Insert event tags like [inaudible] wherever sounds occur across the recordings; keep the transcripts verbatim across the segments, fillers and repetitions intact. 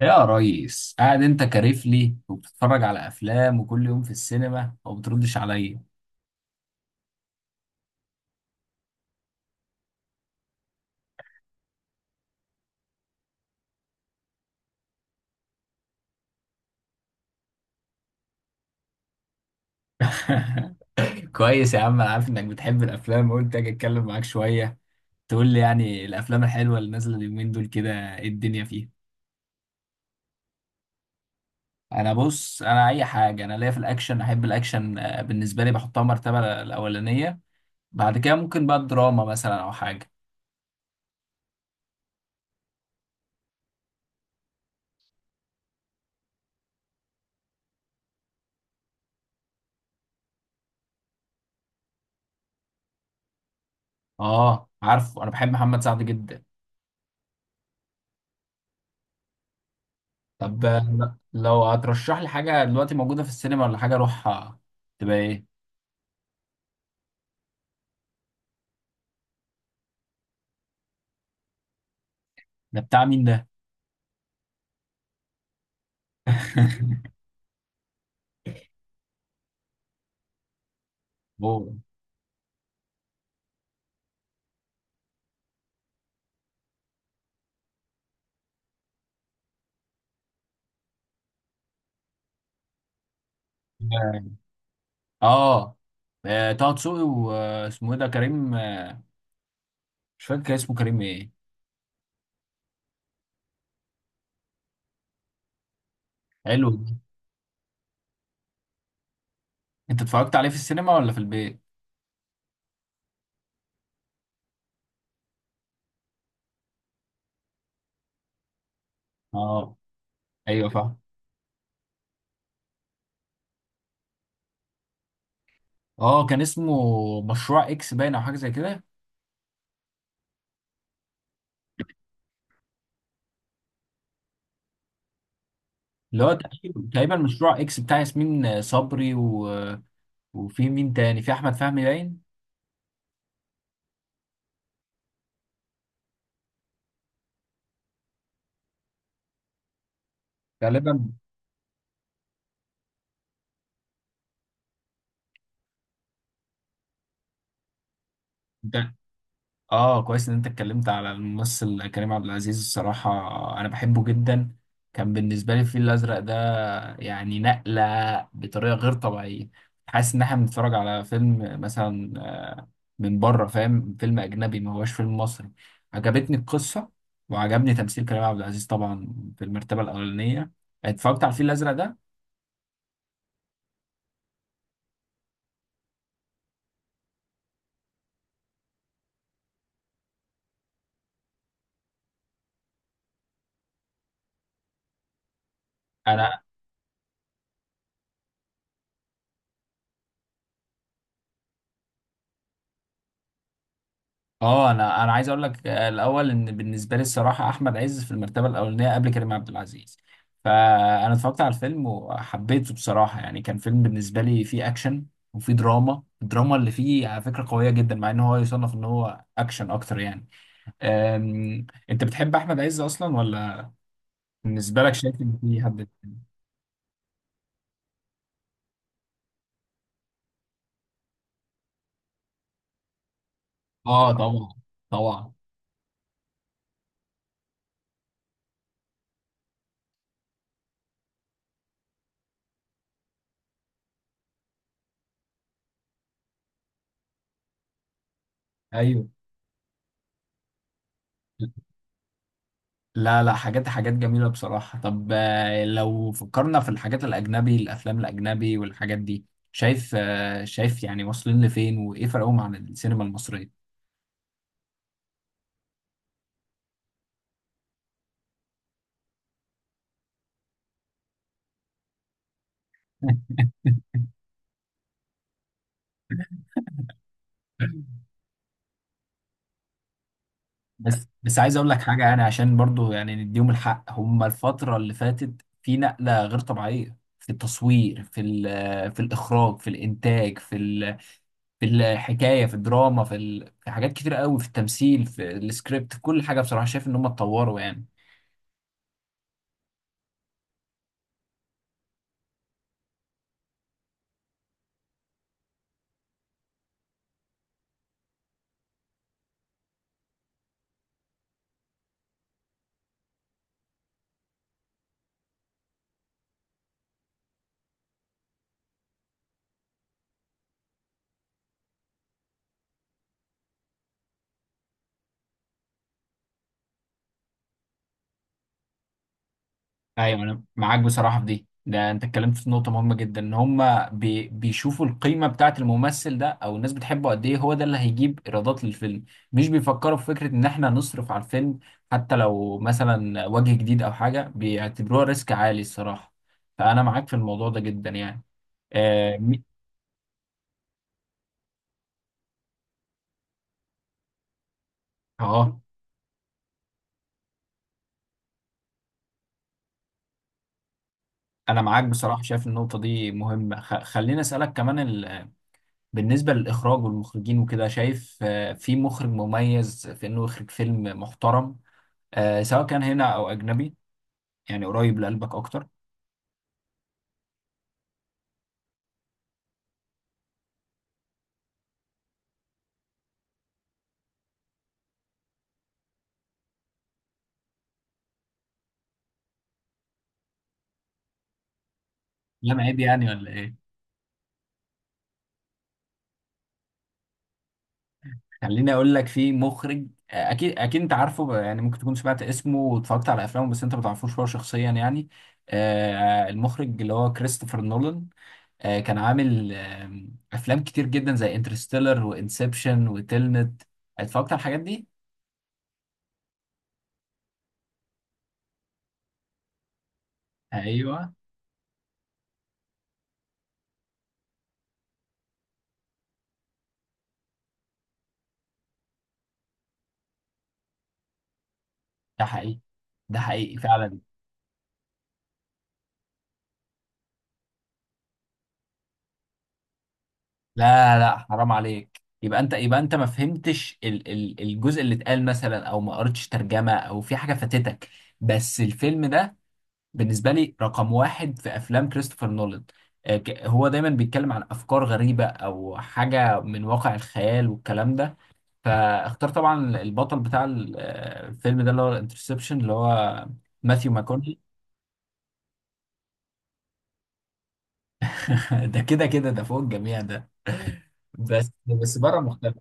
يا ريس قاعد انت كارفلي وبتتفرج على افلام وكل يوم في السينما وما بتردش عليا. [laughs] كويس يا عم، انا عارف انك بتحب الافلام، قلت اجي اتكلم معاك شويه. تقول لي يعني الافلام الحلوه اللي نازله اليومين دول كده، ايه الدنيا فيها؟ انا بص، انا اي حاجه، انا ليا في الاكشن، احب الاكشن. آه، بالنسبه لي بحطها مرتبه الاولانيه. بعد كده ممكن بقى الدراما مثلا او حاجه. اه عارفه، انا بحب محمد سعد جدا. طب آه، لو هترشح لي حاجة دلوقتي موجودة في السينما ولا حاجة أروحها، تبقى إيه؟ ده بتاع مين ده؟ [laughs] هو آه. آه، طه دسوقي، واسمه إيه ده، كريم آه، مش فاكر، كان اسمه كريم إيه؟ حلو ده. أنت اتفرجت عليه في السينما ولا في البيت؟ آه، أيوه فاهم. آه كان اسمه مشروع إكس باين، أو حاجة زي كده. اللي هو تقريبا تقريباً مشروع إكس بتاع ياسمين صبري و... وفي مين تاني؟ في أحمد فهمي باين؟ غالبا. اه كويس ان انت اتكلمت على الممثل كريم عبد العزيز. الصراحة انا بحبه جدا، كان بالنسبة لي الفيل الازرق ده يعني نقلة بطريقة غير طبيعية. حاسس ان احنا بنتفرج على فيلم مثلا من بره، فاهم؟ فيلم اجنبي، ما هوش فيلم مصري. عجبتني القصة وعجبني تمثيل كريم عبد العزيز طبعا في المرتبة الاولانية، اتفرجت على الفيل الازرق ده. انا اه انا انا عايز اقول لك آه، الاول، ان بالنسبه لي الصراحه احمد عز في المرتبه الاولانيه قبل كريم عبد العزيز. فانا اتفرجت على الفيلم وحبيته بصراحه، يعني كان فيلم بالنسبه لي فيه اكشن وفيه دراما. الدراما اللي فيه على فكره قويه جدا، مع ان هو يصنف ان هو اكشن اكتر يعني. أم... انت بتحب احمد عز اصلا ولا بالنسبه لك شايف ان في حد؟ اه طبعا، طبعا. ايوه. لا لا، حاجات حاجات جميلة بصراحة. طب آه، لو فكرنا في الحاجات الأجنبي، الأفلام الأجنبي والحاجات دي، شايف آه، شايف يعني واصلين لفين، وإيه فرقهم عن السينما المصرية؟ [laughs] بس بس عايز أقول لك حاجة، يعني عشان برضو يعني نديهم الحق، هم الفترة اللي فاتت في نقلة غير طبيعية في التصوير، في ال- في الإخراج، في الإنتاج، في ال- في الحكاية، في الدراما، في ال- في حاجات كتير قوي، في التمثيل، في السكريبت، في كل حاجة. بصراحة شايف إن هم اتطوروا يعني. ايوه انا معاك بصراحه في دي، ده انت اتكلمت في نقطه مهمه جدا، ان هم بي بيشوفوا القيمه بتاعه الممثل ده، او الناس بتحبه قد ايه، هو ده اللي هيجيب ايرادات للفيلم. مش بيفكروا في فكره ان احنا نصرف على الفيلم، حتى لو مثلا وجه جديد او حاجه بيعتبروها ريسك عالي الصراحه. فانا معاك في الموضوع ده جدا يعني. اه, مي- آه. انا معاك بصراحه، شايف النقطه دي مهمه. خ- خليني اسالك كمان. بالنسبة للإخراج والمخرجين وكده، شايف آه، في مخرج مميز في إنه يخرج فيلم محترم، آه، سواء كان هنا أو أجنبي، يعني قريب لقلبك أكتر؟ لا عيب يعني ولا إيه؟ خليني أقول لك، في مخرج آه، أكيد أكيد أنت عارفه بقى، يعني ممكن تكون سمعت اسمه واتفرجت على أفلامه، بس أنت ما تعرفوش هو شخصيا يعني. آه، المخرج اللي هو كريستوفر نولان، آه، كان عامل آه، أفلام كتير جدا زي انترستيلر وإنسبشن وتلنت. اتفرجت على الحاجات دي؟ أيوه. ده حقيقي، ده حقيقي فعلا. لا لا حرام عليك، يبقى انت يبقى انت ما فهمتش ال ال الجزء اللي اتقال مثلا، او ما قريتش ترجمه، او في حاجه فاتتك. بس الفيلم ده بالنسبه لي رقم واحد في افلام كريستوفر نولان. آه، ك- هو دايما بيتكلم عن افكار غريبه او حاجه من واقع الخيال والكلام ده. فاختار طبعا البطل بتاع ال- آه، الفيلم ده، اللي هو الانترسبشن، اللي هو ماثيو ماكوني. [laughs] ده كده كده، ده فوق الجميع ده. [laughs] بس بس بره مختلف.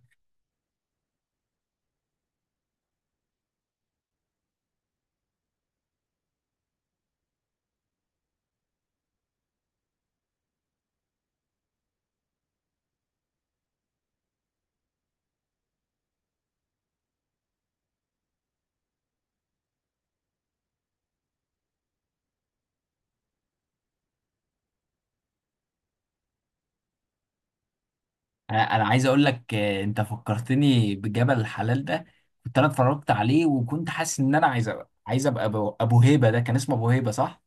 انا أنا عايز اقول لك آه، انت فكرتني بجبل الحلال ده. كنت انا اتفرجت عليه وكنت حاسس ان انا عايز أبقى، عايز ابقى ابو، أبو هيبه ده كان اسمه ابو هيبه صح؟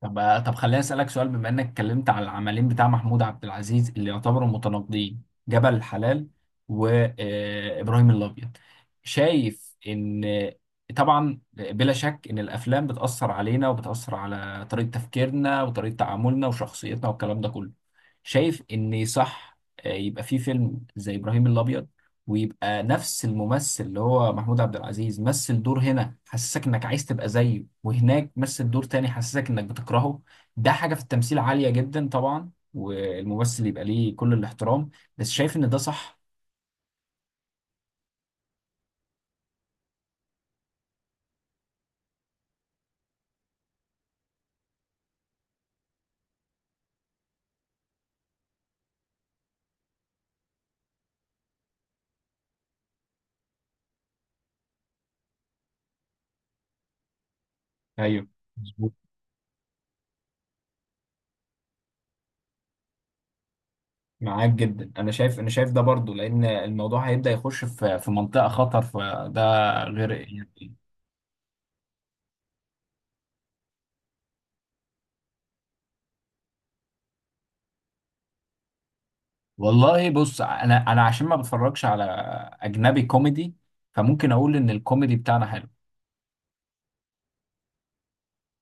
طب طب خليني اسالك سؤال، بما انك اتكلمت على العملين بتاع محمود عبد العزيز اللي يعتبروا متناقضين، جبل الحلال وابراهيم الابيض. شايف ان، طبعا بلا شك ان الافلام بتاثر علينا وبتاثر على طريقه تفكيرنا وطريقه تعاملنا وشخصيتنا والكلام ده كله، شايف ان صح آه، يبقى في فيلم زي ابراهيم الابيض، ويبقى نفس الممثل اللي هو محمود عبد العزيز مثل دور هنا حسسك انك عايز تبقى زيه، وهناك مثل دور تاني حسسك انك بتكرهه؟ ده حاجة في التمثيل عالية جدا طبعا، والممثل يبقى ليه كل الاحترام. بس شايف ان ده صح؟ ايوه مظبوط، معاك جدا. انا شايف، انا شايف ده برضو لان الموضوع هيبدأ يخش في في منطقة خطر، فده غير يعني. والله بص، انا انا عشان ما بتفرجش على اجنبي كوميدي، فممكن اقول ان الكوميدي بتاعنا حلو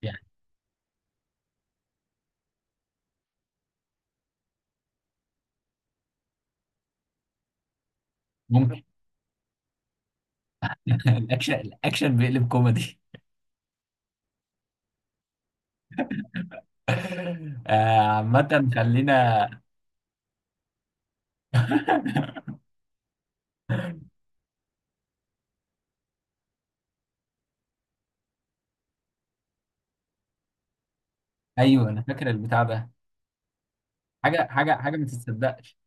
يعني. ممكن. [laughs] الاكشن، الاكشن بيقلب كوميدي. [laughs] آه، عامة خلينا. [laughs] ايوه انا فاكر البتاع ده، حاجه حاجه حاجه ما تتصدقش.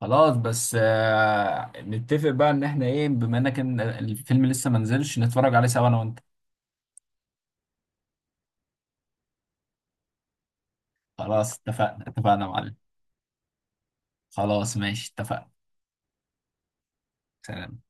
خلاص، بس آه نتفق بقى ان احنا ايه، بما انك إن الفيلم لسه ما نزلش، نتفرج عليه سوا انا وانت. خلاص اتفقنا، اتفقنا يا معلم. خلاص ماشي اتفقنا. سلام.